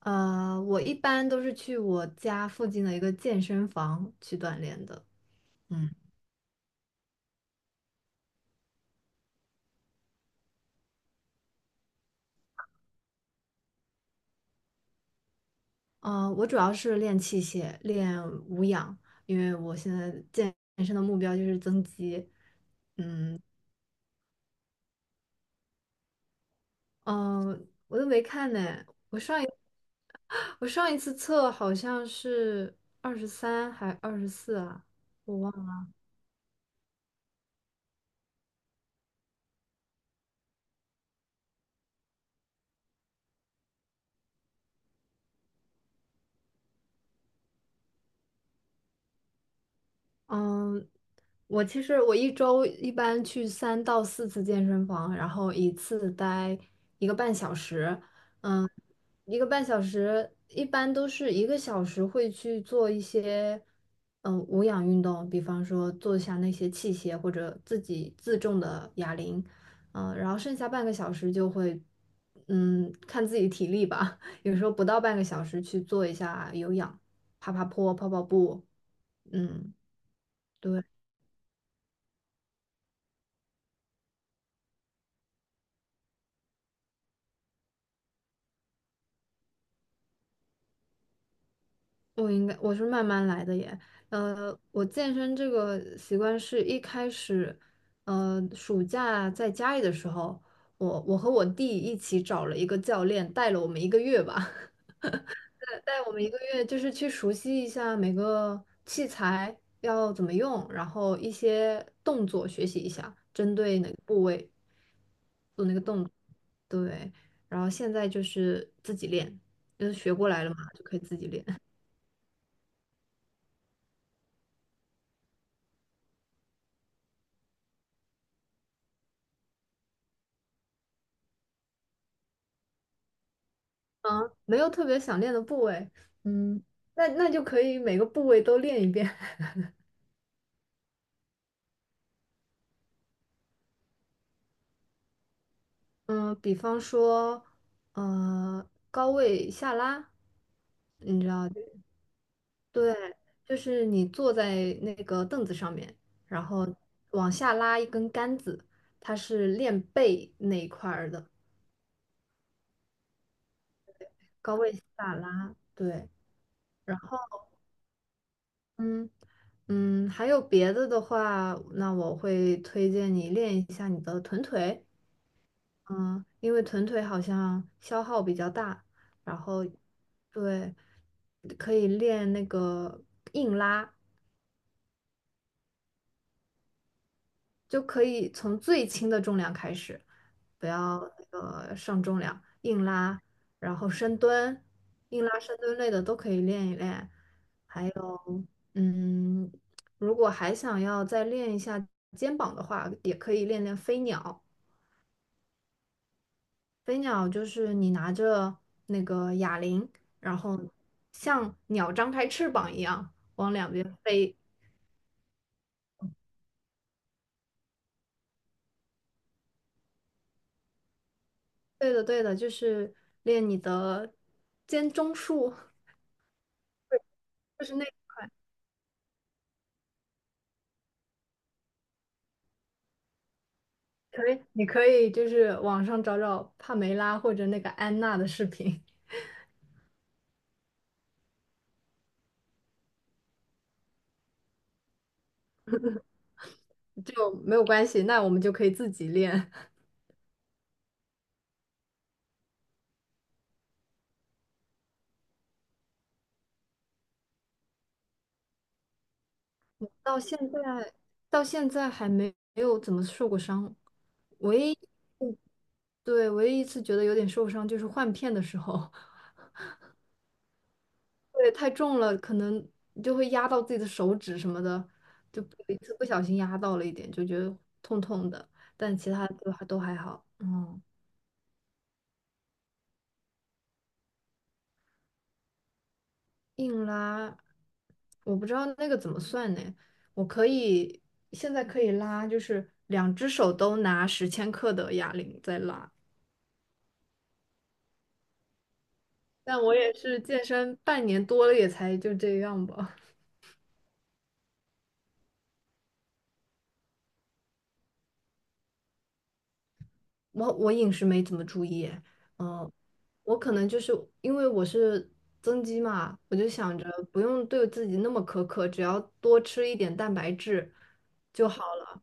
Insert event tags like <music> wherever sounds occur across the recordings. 我一般都是去我家附近的一个健身房去锻炼的。嗯。我主要是练器械，练无氧，因为我现在健身的目标就是增肌。嗯、我都没看呢，我上一次测好像是23还24啊。嗯，我其实一周一般去三到四次健身房，然后一次待一个半小时。嗯，一个半小时一般都是一个小时会去做一些无氧运动，比方说做一下那些器械或者自己自重的哑铃。然后剩下半个小时就会看自己体力吧，<laughs> 有时候不到半个小时去做一下有氧，爬爬坡、跑跑步。嗯。对。我应该我是慢慢来的耶，我健身这个习惯是一开始，暑假在家里的时候，我和我弟一起找了一个教练，带了我们一个月吧，<laughs> 带我们一个月，就是去熟悉一下每个器材要怎么用，然后一些动作学习一下，针对哪个部位做那个动作，对，然后现在就是自己练，就是学过来了嘛，就可以自己练。啊，没有特别想练的部位，嗯，那就可以每个部位都练一遍，<laughs> 嗯，比方说，高位下拉，你知道，对，就是你坐在那个凳子上面，然后往下拉一根杆子，它是练背那一块儿的，高位下拉，对，然后嗯还有别的的话，那我会推荐你练一下你的臀腿。嗯，因为臀腿好像消耗比较大，然后对，可以练那个硬拉，就可以从最轻的重量开始，不要上重量，硬拉，然后深蹲，硬拉、深蹲类的都可以练一练。还有，嗯，如果还想要再练一下肩膀的话，也可以练练飞鸟。飞鸟就是你拿着那个哑铃，然后像鸟张开翅膀一样往两边飞。对的，对的，就是练你的肩中束，就是那可以，你可以就是网上找找帕梅拉或者那个安娜的视频，就没有关系。那我们就可以自己练。到现在，还没有怎么受过伤，唯一，对，唯一一次觉得有点受伤就是换片的时候。对，太重了，可能就会压到自己的手指什么的，就有一次不小心压到了一点，就觉得痛痛的，但其他都还好。嗯，硬拉，我不知道那个怎么算呢？我可以现在可以拉，就是两只手都拿10千克的哑铃在拉，但我也是健身半年多了，也才就这样吧。我饮食没怎么注意，嗯，我可能就是因为我是增肌嘛，我就想着不用对自己那么苛刻，只要多吃一点蛋白质就好了，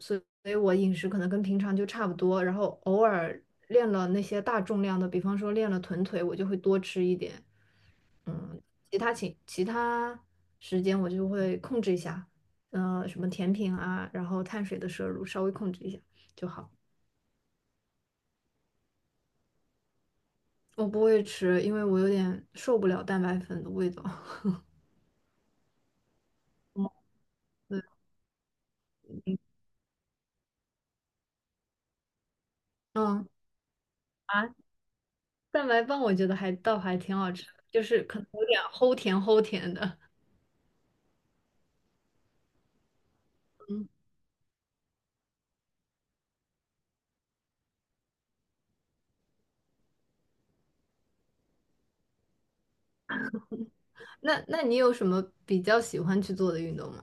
所以我饮食可能跟平常就差不多，然后偶尔练了那些大重量的，比方说练了臀腿，我就会多吃一点，其他时间我就会控制一下，什么甜品啊，然后碳水的摄入稍微控制一下就好。我不会吃，因为我有点受不了蛋白粉的味道。嗯 <laughs> 对，嗯啊，蛋白棒我觉得还倒还挺好吃的，就是可能有点齁甜齁甜的。嗯 <laughs>，那你有什么比较喜欢去做的运动吗？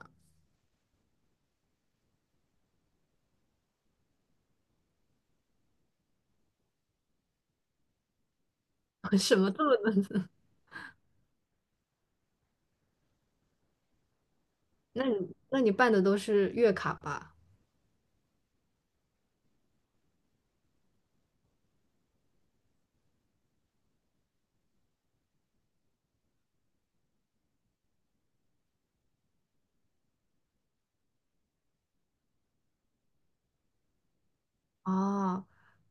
<laughs> 什么做的？<laughs> 那你办的都是月卡吧？啊，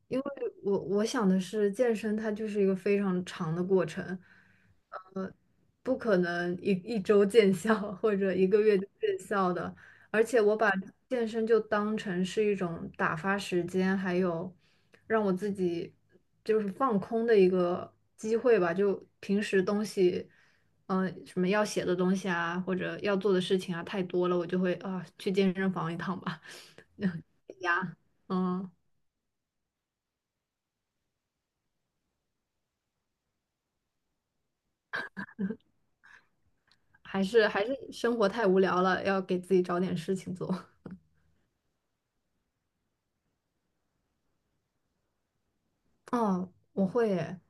因为我想的是健身，它就是一个非常长的过程，呃，不可能一周见效 <laughs> 或者一个月就见效的。而且我把健身就当成是一种打发时间，还有让我自己就是放空的一个机会吧。就平时东西，什么要写的东西啊，或者要做的事情啊，太多了，我就会啊去健身房一趟吧。<laughs> 呀，嗯。还是生活太无聊了，要给自己找点事情做。<laughs> 哦，我会耶，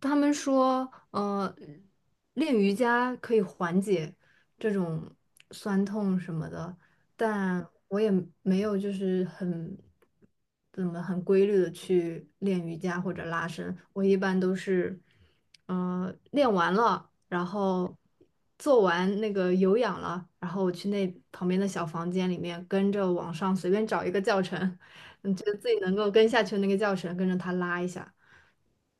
他们说，练瑜伽可以缓解这种酸痛什么的，但我也没有就是很怎么很规律的去练瑜伽或者拉伸，我一般都是，练完了，然后做完那个有氧了，然后我去那旁边的小房间里面跟着网上随便找一个教程，你觉得自己能够跟下去的那个教程，跟着他拉一下，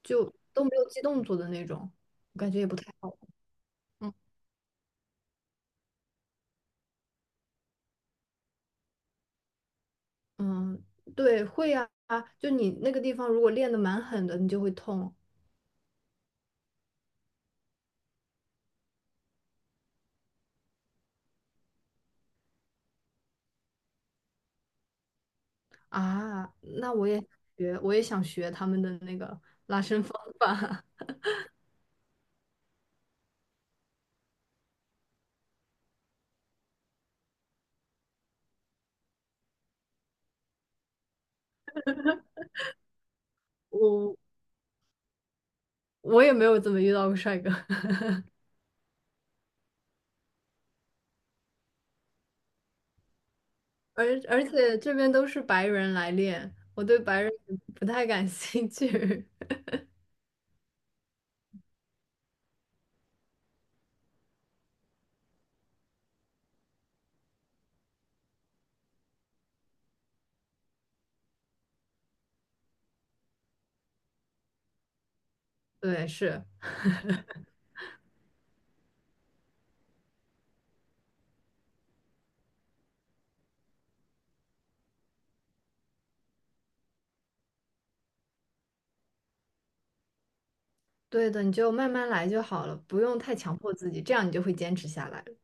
就都没有记动作的那种，我感觉也不太好。嗯嗯，对，会啊，就你那个地方如果练得蛮狠的，你就会痛啊。那我也想学他们的那个拉伸方法。<laughs> 我我也没有怎么遇到过帅哥，<laughs> 而且这边都是白人来练，我对白人不太感兴趣。<laughs> 对，是。对的，你就慢慢来就好了，不用太强迫自己，这样你就会坚持下来了。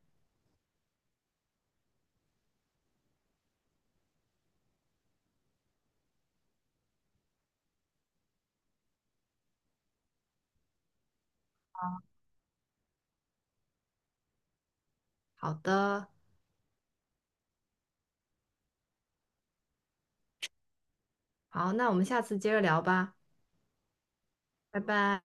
好的，好，那我们下次接着聊吧，拜拜。